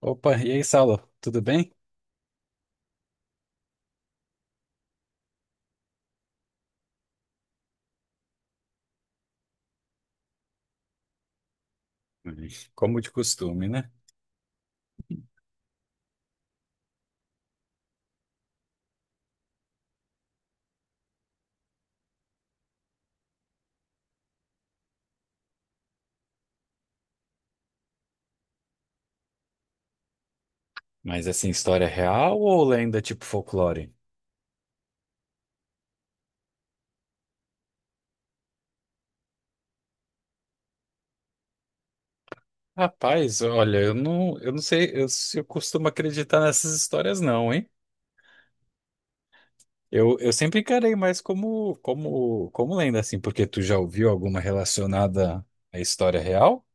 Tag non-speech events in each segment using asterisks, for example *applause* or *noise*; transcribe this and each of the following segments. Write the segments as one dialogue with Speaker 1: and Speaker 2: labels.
Speaker 1: Opa, e aí, Saulo? Tudo bem? Uhum. Como de costume, né? Mas assim, história real ou lenda tipo folclore? Rapaz, olha, eu não sei se eu costumo acreditar nessas histórias, não, hein? Eu sempre encarei mais como, como lenda, assim, porque tu já ouviu alguma relacionada à história real?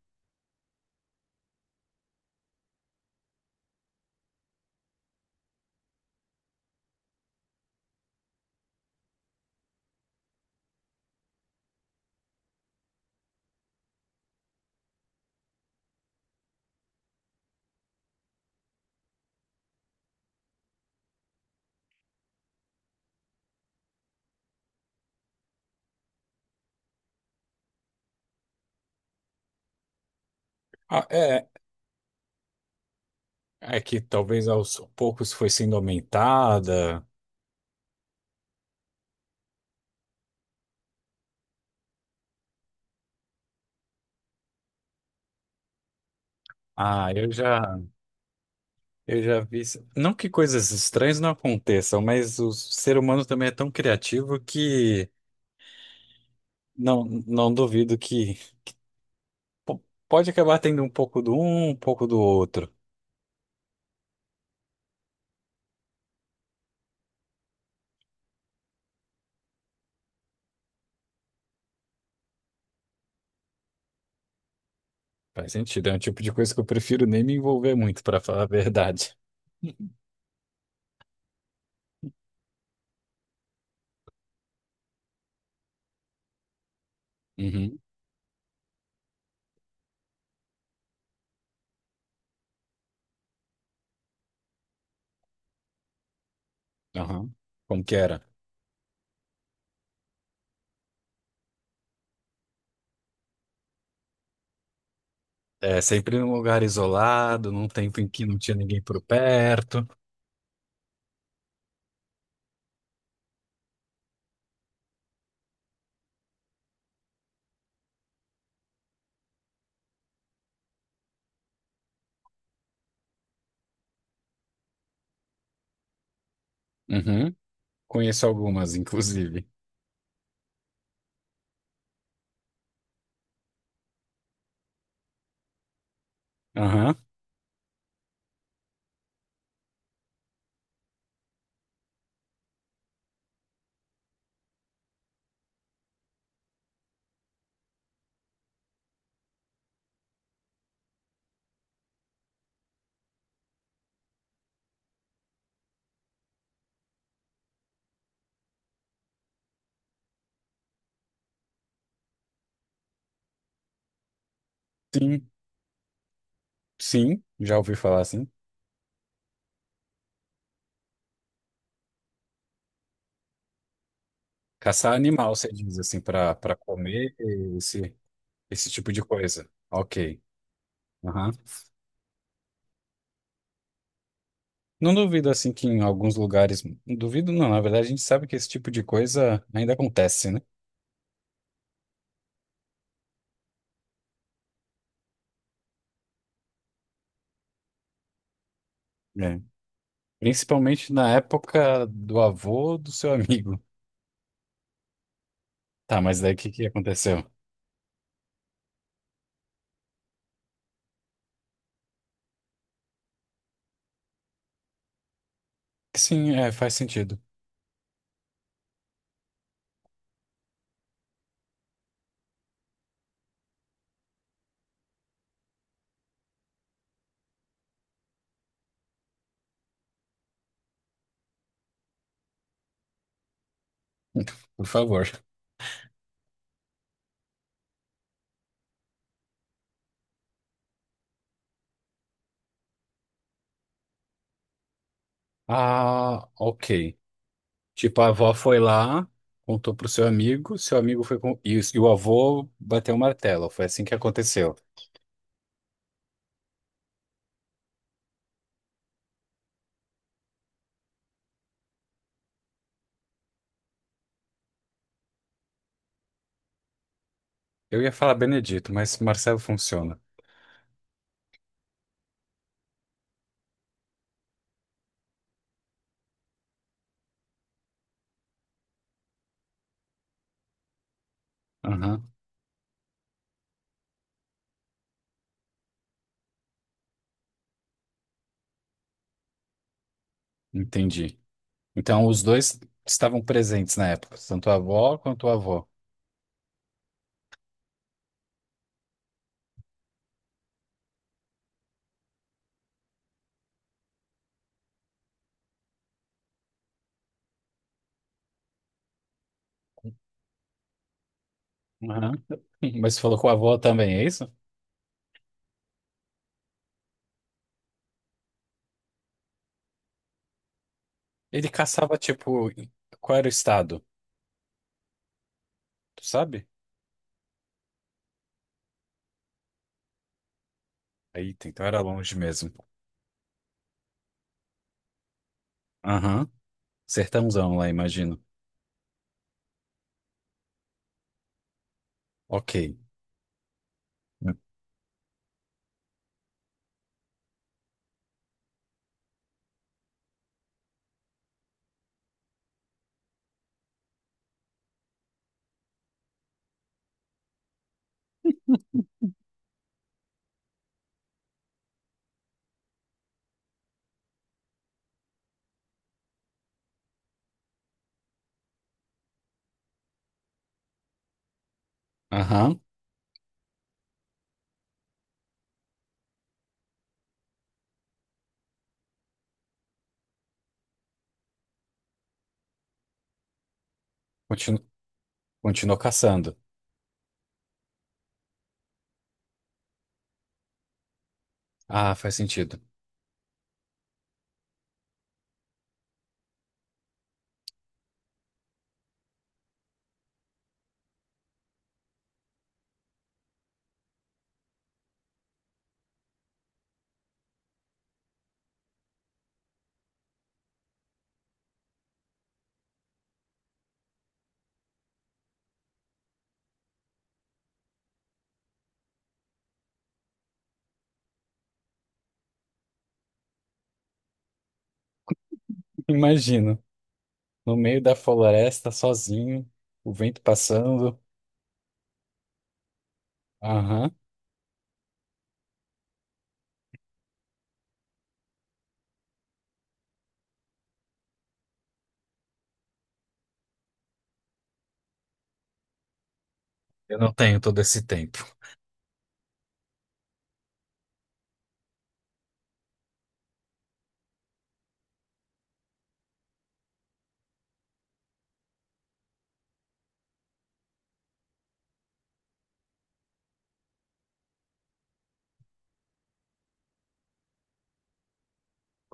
Speaker 1: Ah, é, é que talvez aos poucos foi sendo aumentada. Ah, eu já. Eu já vi isso. Não que coisas estranhas não aconteçam, mas o ser humano também é tão criativo que não duvido que po- pode acabar tendo um pouco do um pouco do outro. Faz sentido, é um tipo de coisa que eu prefiro nem me envolver muito, para falar a verdade. Uhum. Aham. Como que era? É sempre num lugar isolado, num tempo em que não tinha ninguém por perto. Uhum. Conheço algumas, inclusive. Aham. Sim, sim, já ouvi falar assim. Caçar animal, você diz, assim, para comer esse, esse tipo de coisa. Ok. Aham. Não duvido, assim, que em alguns lugares. Não duvido, não. Na verdade, a gente sabe que esse tipo de coisa ainda acontece, né? É. Principalmente na época do avô do seu amigo. Tá, mas daí o que que aconteceu? Sim, é, faz sentido. Por favor. Ah, ok. Tipo, a avó foi lá, contou pro seu amigo foi com. E o avô bateu o martelo. Foi assim que aconteceu. Eu ia falar Benedito, mas Marcelo funciona. Aham, entendi. Então, os dois estavam presentes na época, tanto a avó quanto o avô. Aham. *laughs* Mas você falou com o avô também, é isso? Ele caçava, tipo, qual era o estado? Tu sabe? Aí, então era longe mesmo. Aham. Sertãozão lá, imagino. Ok. Aham. Continu- Continuou caçando. Ah, faz sentido. *laughs* Imagino, no meio da floresta, sozinho, o vento passando. Aham. Eu não tenho todo esse tempo.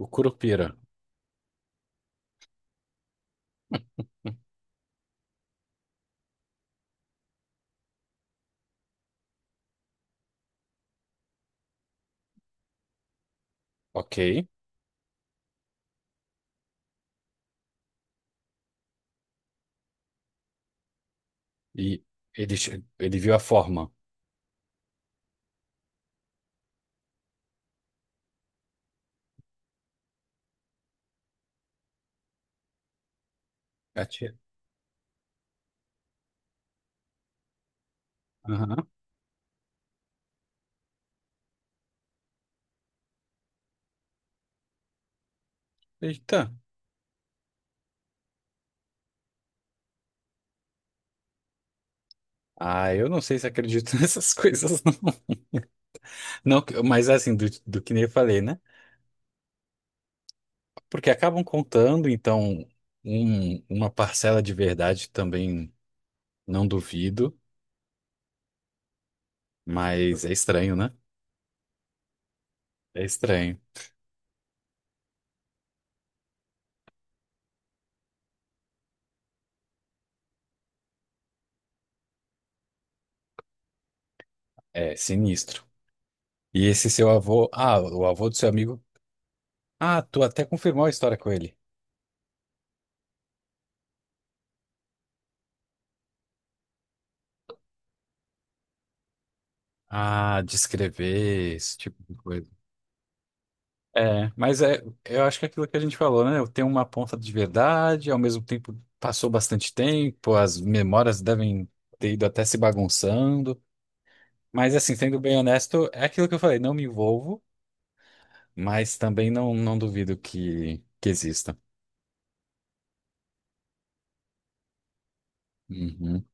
Speaker 1: O Curupira. Hum. Ok. E ele, ele viu a forma. Atira. Aham. Eita. Ah, eu não sei se acredito *laughs* nessas coisas, não. Não, mas assim, do, do que nem eu falei, né? Porque acabam contando, então, uma parcela de verdade também não duvido, mas é estranho, né? É estranho. É sinistro. E esse seu avô, ah, o avô do seu amigo, ah, tu até confirmou a história com ele. Ah, descrever esse tipo de coisa. É, mas é, eu acho que é aquilo que a gente falou, né? Eu tenho uma ponta de verdade, ao mesmo tempo passou bastante tempo, as memórias devem ter ido até se bagunçando. Mas assim, sendo bem honesto, é aquilo que eu falei, não me envolvo, mas também não duvido que exista. Uhum.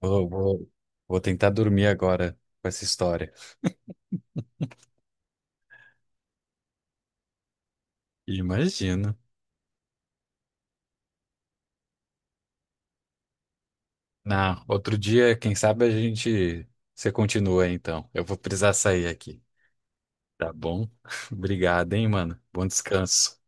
Speaker 1: Vou, vou, vou tentar dormir agora com essa história. Imagino. Na, outro dia, quem sabe a gente, você continua então. Eu vou precisar sair aqui. Tá bom? *laughs* Obrigado, hein, mano. Bom descanso.